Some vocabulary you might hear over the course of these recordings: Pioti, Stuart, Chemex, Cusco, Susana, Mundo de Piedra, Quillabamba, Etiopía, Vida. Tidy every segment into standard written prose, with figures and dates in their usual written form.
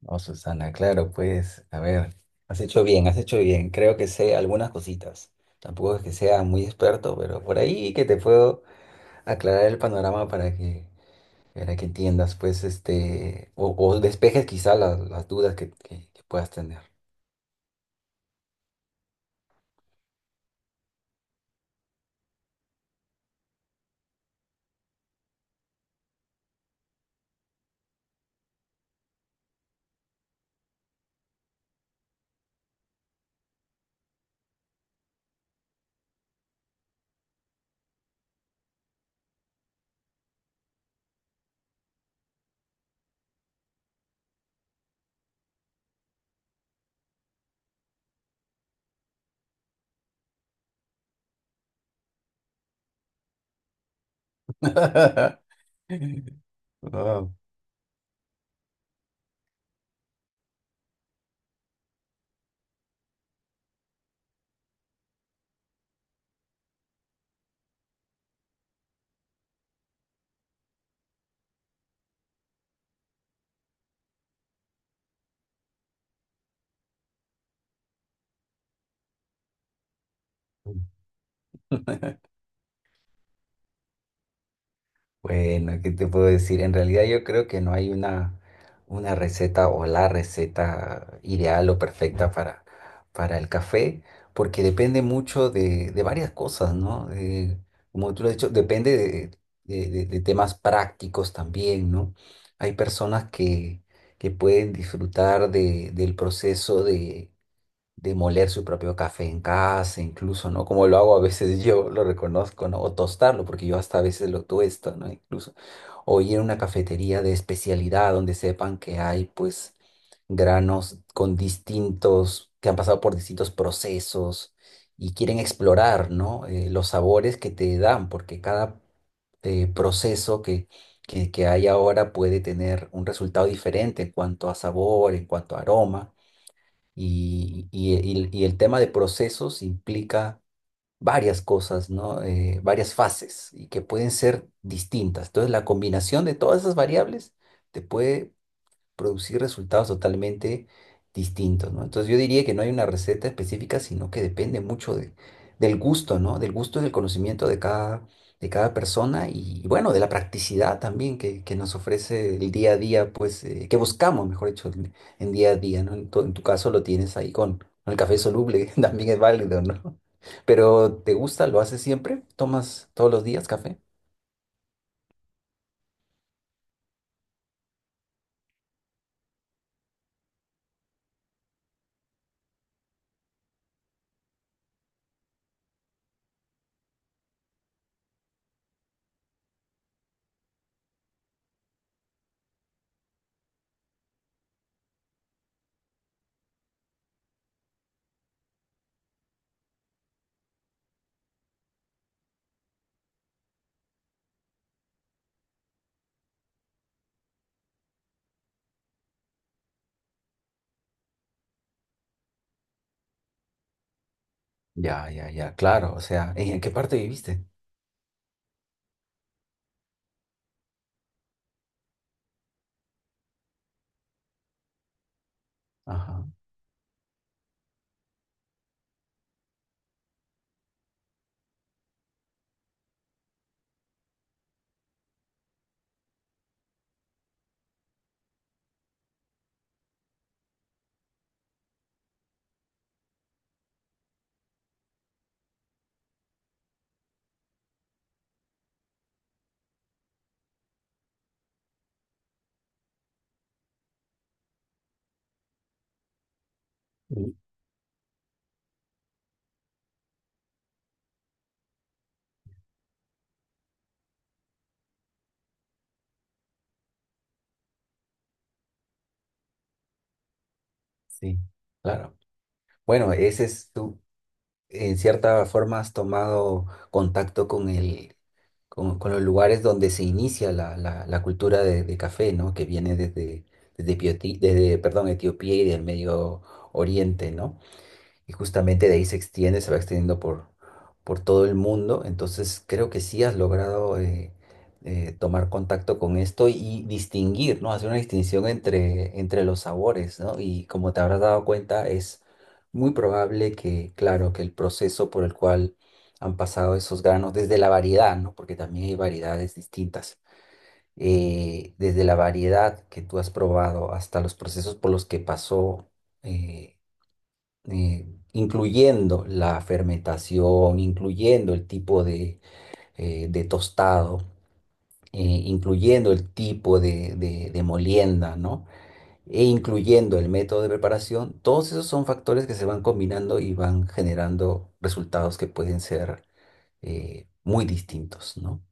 No, Susana, claro, pues, a ver, has hecho bien, has hecho bien. Creo que sé algunas cositas. Tampoco es que sea muy experto, pero por ahí que te puedo aclarar el panorama para que entiendas, pues, o despejes quizá las dudas que puedas tener. Wow. Bueno, ¿qué te puedo decir? En realidad yo creo que no hay una receta o la receta ideal o perfecta para el café, porque depende mucho de varias cosas, ¿no? Como tú lo has dicho, depende de temas prácticos también, ¿no? Hay personas que pueden disfrutar del proceso de moler su propio café en casa, incluso, ¿no? Como lo hago a veces yo, lo reconozco, ¿no? O tostarlo, porque yo hasta a veces lo tuesto, ¿no? Incluso. O ir a una cafetería de especialidad donde sepan que hay, pues, granos con distintos, que han pasado por distintos procesos y quieren explorar, ¿no? Los sabores que te dan, porque cada eh, proceso que, que hay ahora puede tener un resultado diferente en cuanto a sabor, en cuanto a aroma. Y y el tema de procesos implica varias cosas, ¿no? Varias fases y que pueden ser distintas. Entonces, la combinación de todas esas variables te puede producir resultados totalmente distintos, ¿no? Entonces yo diría que no hay una receta específica, sino que depende mucho del gusto, ¿no? Del gusto y del conocimiento de cada persona y bueno, de la practicidad también que nos ofrece el día a día, pues, que buscamos, mejor dicho, en día a día, ¿no? En tu caso lo tienes ahí con el café soluble, también es válido, ¿no? Pero ¿te gusta? ¿Lo haces siempre? ¿Tomas todos los días café? Ya, ya, ya, claro. O sea, en qué parte viviste? Ajá. Sí, claro. Bueno, ese es tú, en cierta forma has tomado contacto con con los lugares donde se inicia la cultura de café, ¿no? Que viene desde, perdón, Etiopía y del Medio Oriente, ¿no? Y justamente de ahí se extiende, se va extendiendo por todo el mundo. Entonces creo que sí has logrado tomar contacto con esto y distinguir, ¿no? Hacer una distinción entre los sabores, ¿no? Y como te habrás dado cuenta, es muy probable que, claro, que el proceso por el cual han pasado esos granos, desde la variedad, ¿no? Porque también hay variedades distintas. Desde la variedad que tú has probado hasta los procesos por los que pasó eh, eh, incluyendo la fermentación, incluyendo el tipo de tostado, incluyendo el tipo de molienda, ¿no? E incluyendo el método de preparación, todos esos son factores que se van combinando y van generando resultados que pueden ser muy distintos, ¿no?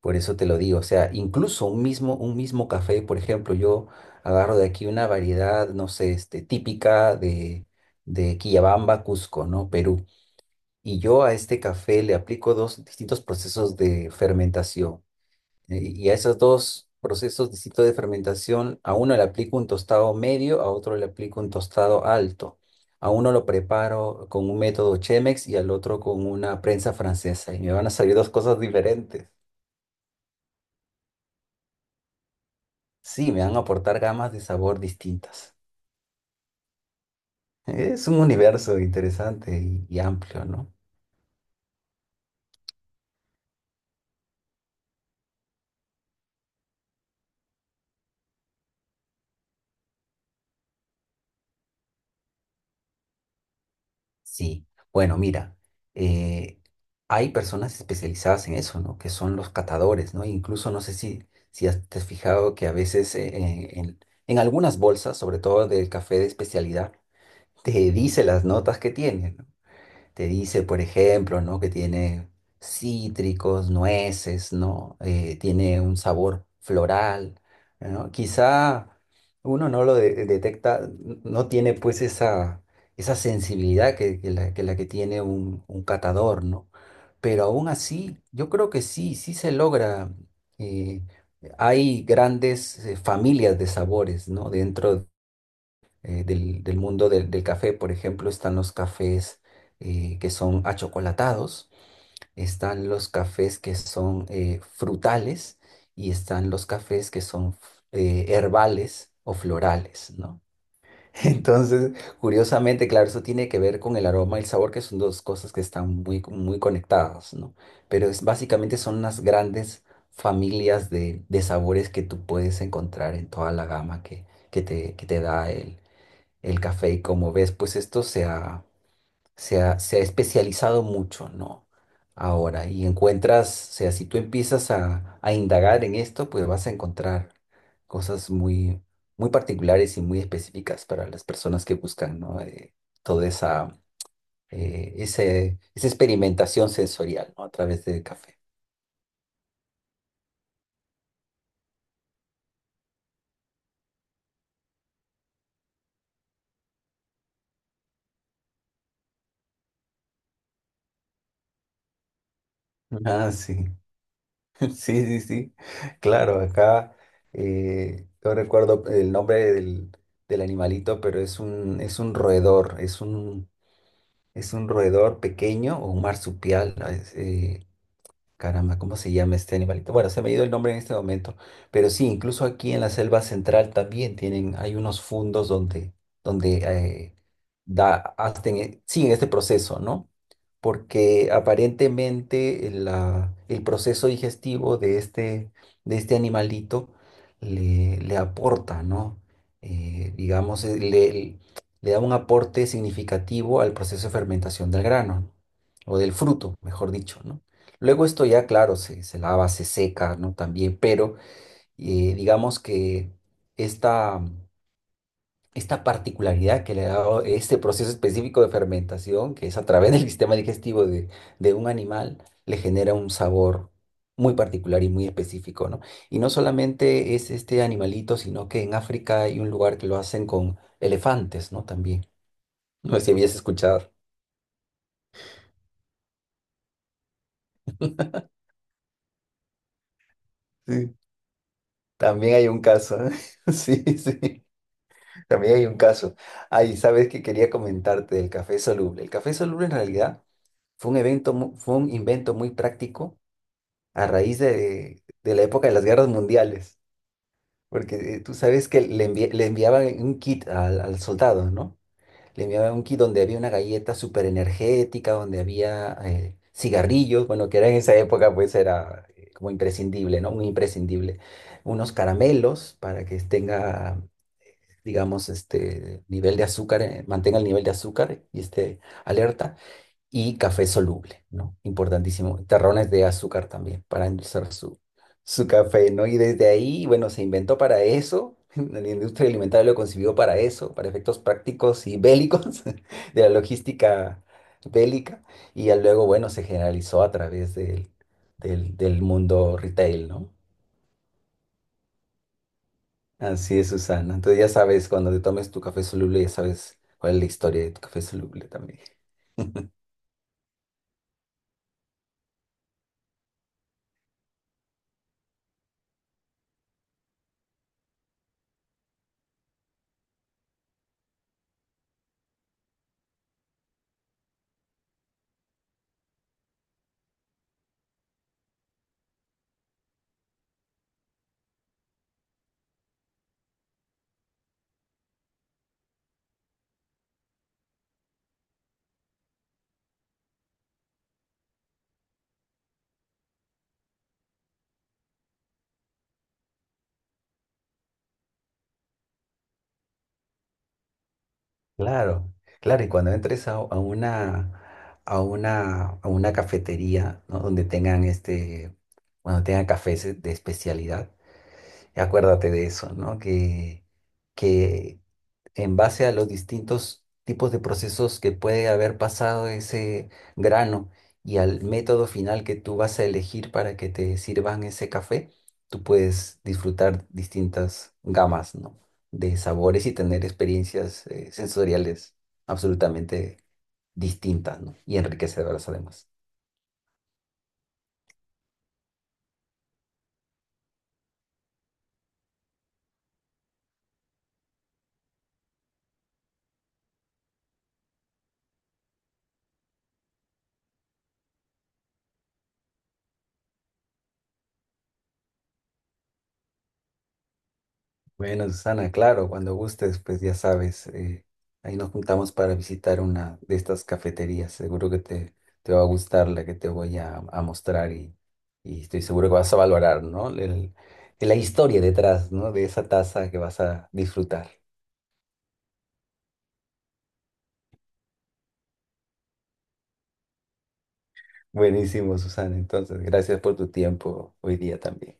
Por eso te lo digo, o sea, incluso un mismo café, por ejemplo, yo agarro de aquí una variedad, no sé, este, típica de Quillabamba, Cusco, ¿no? Perú. Y yo a este café le aplico dos distintos procesos de fermentación. Y a esos dos procesos distintos de fermentación, a uno le aplico un tostado medio, a otro le aplico un tostado alto. A uno lo preparo con un método Chemex y al otro con una prensa francesa. Y me van a salir dos cosas diferentes. Sí, me van a aportar gamas de sabor distintas. Es un universo interesante y amplio, ¿no? Sí, bueno, mira, eh, hay personas especializadas en eso, ¿no? Que son los catadores, ¿no? Incluso no sé si te has fijado que a veces en algunas bolsas, sobre todo del café de especialidad, te dice las notas que tiene, ¿no? Te dice, por ejemplo, ¿no? Que tiene cítricos, nueces, ¿no? Tiene un sabor floral, ¿no? Quizá uno no lo detecta, no tiene pues esa sensibilidad que la que tiene un catador, ¿no? Pero aún así, yo creo que sí, sí se logra. eh, Hay grandes familias de sabores, ¿no? Dentro del mundo del café. Por ejemplo, están los cafés que son achocolatados, están los cafés que son frutales y están los cafés que son herbales o florales, ¿no? Entonces, curiosamente, claro, eso tiene que ver con el aroma y el sabor, que son dos cosas que están muy, muy conectadas, ¿no? Pero es, básicamente son las grandes familias de sabores que tú puedes encontrar en toda la gama que te da el café y como ves, pues esto se ha especializado mucho, ¿no? Ahora, y encuentras, o sea, si tú empiezas a indagar en esto, pues vas a encontrar cosas muy, muy particulares y muy específicas para las personas que buscan, ¿no? Toda esa experimentación sensorial, ¿no? A través del café. Ah, sí. Sí, sí, sí. Claro, acá no recuerdo el nombre del animalito, pero es un roedor, es un roedor pequeño o un marsupial. ¿No? Es, caramba, ¿cómo se llama este animalito? Bueno, se me ha ido el nombre en este momento, pero sí, incluso aquí en la selva central también tienen, hay unos fundos donde hacen, siguen este proceso, ¿no? Porque aparentemente el proceso digestivo de este animalito le aporta, ¿no? Digamos, le da un aporte significativo al proceso de fermentación del grano, ¿no? O del fruto, mejor dicho, ¿no? Luego esto ya, claro, se lava, se seca, ¿no? También, pero digamos que esta esta particularidad que le da este proceso específico de fermentación, que es a través del sistema digestivo de un animal, le genera un sabor muy particular y muy específico, ¿no? Y no solamente es este animalito, sino que en África hay un lugar que lo hacen con elefantes, ¿no? También. No sé si habías escuchado. Sí. También hay un caso. ¿Eh? Sí, sí. También hay un caso. Ay, sabes que quería comentarte del café soluble. El café soluble en realidad fue un invento muy práctico a raíz de la época de las guerras mundiales, porque tú sabes que le enviaban un kit al soldado, ¿no? Le enviaban un kit donde había una galleta súper energética, donde había cigarrillos, bueno, que era en esa época pues era como imprescindible, ¿no? Muy imprescindible. Unos caramelos para que tenga, digamos, este nivel de azúcar, mantenga el nivel de azúcar y esté alerta y café soluble, ¿no? Importantísimo. Terrones de azúcar también para endulzar su café, ¿no? Y desde ahí, bueno, se inventó para eso. La industria alimentaria lo concibió para eso, para efectos prácticos y bélicos de la logística bélica. Y ya luego, bueno, se generalizó a través del mundo retail, ¿no? Así es, Susana. Entonces ya sabes, cuando te tomes tu café soluble, ya sabes cuál es la historia de tu café soluble también. Claro, claro, y cuando entres a una cafetería, ¿no? Donde tengan este, cuando tengan cafés de especialidad, acuérdate de eso, ¿no? Que, en base a los distintos tipos de procesos que puede haber pasado ese grano y al método final que tú vas a elegir para que te sirvan ese café, tú puedes disfrutar distintas gamas, ¿no? De sabores y tener experiencias sensoriales absolutamente distintas, ¿no? Y enriquecedoras además. Bueno, Susana, claro, cuando gustes, pues ya sabes, ahí nos juntamos para visitar una de estas cafeterías. Seguro que te va a gustar la que te voy a mostrar y estoy seguro que vas a valorar, ¿no? La historia detrás, ¿no? De esa taza que vas a disfrutar. Buenísimo, Susana. Entonces, gracias por tu tiempo hoy día también.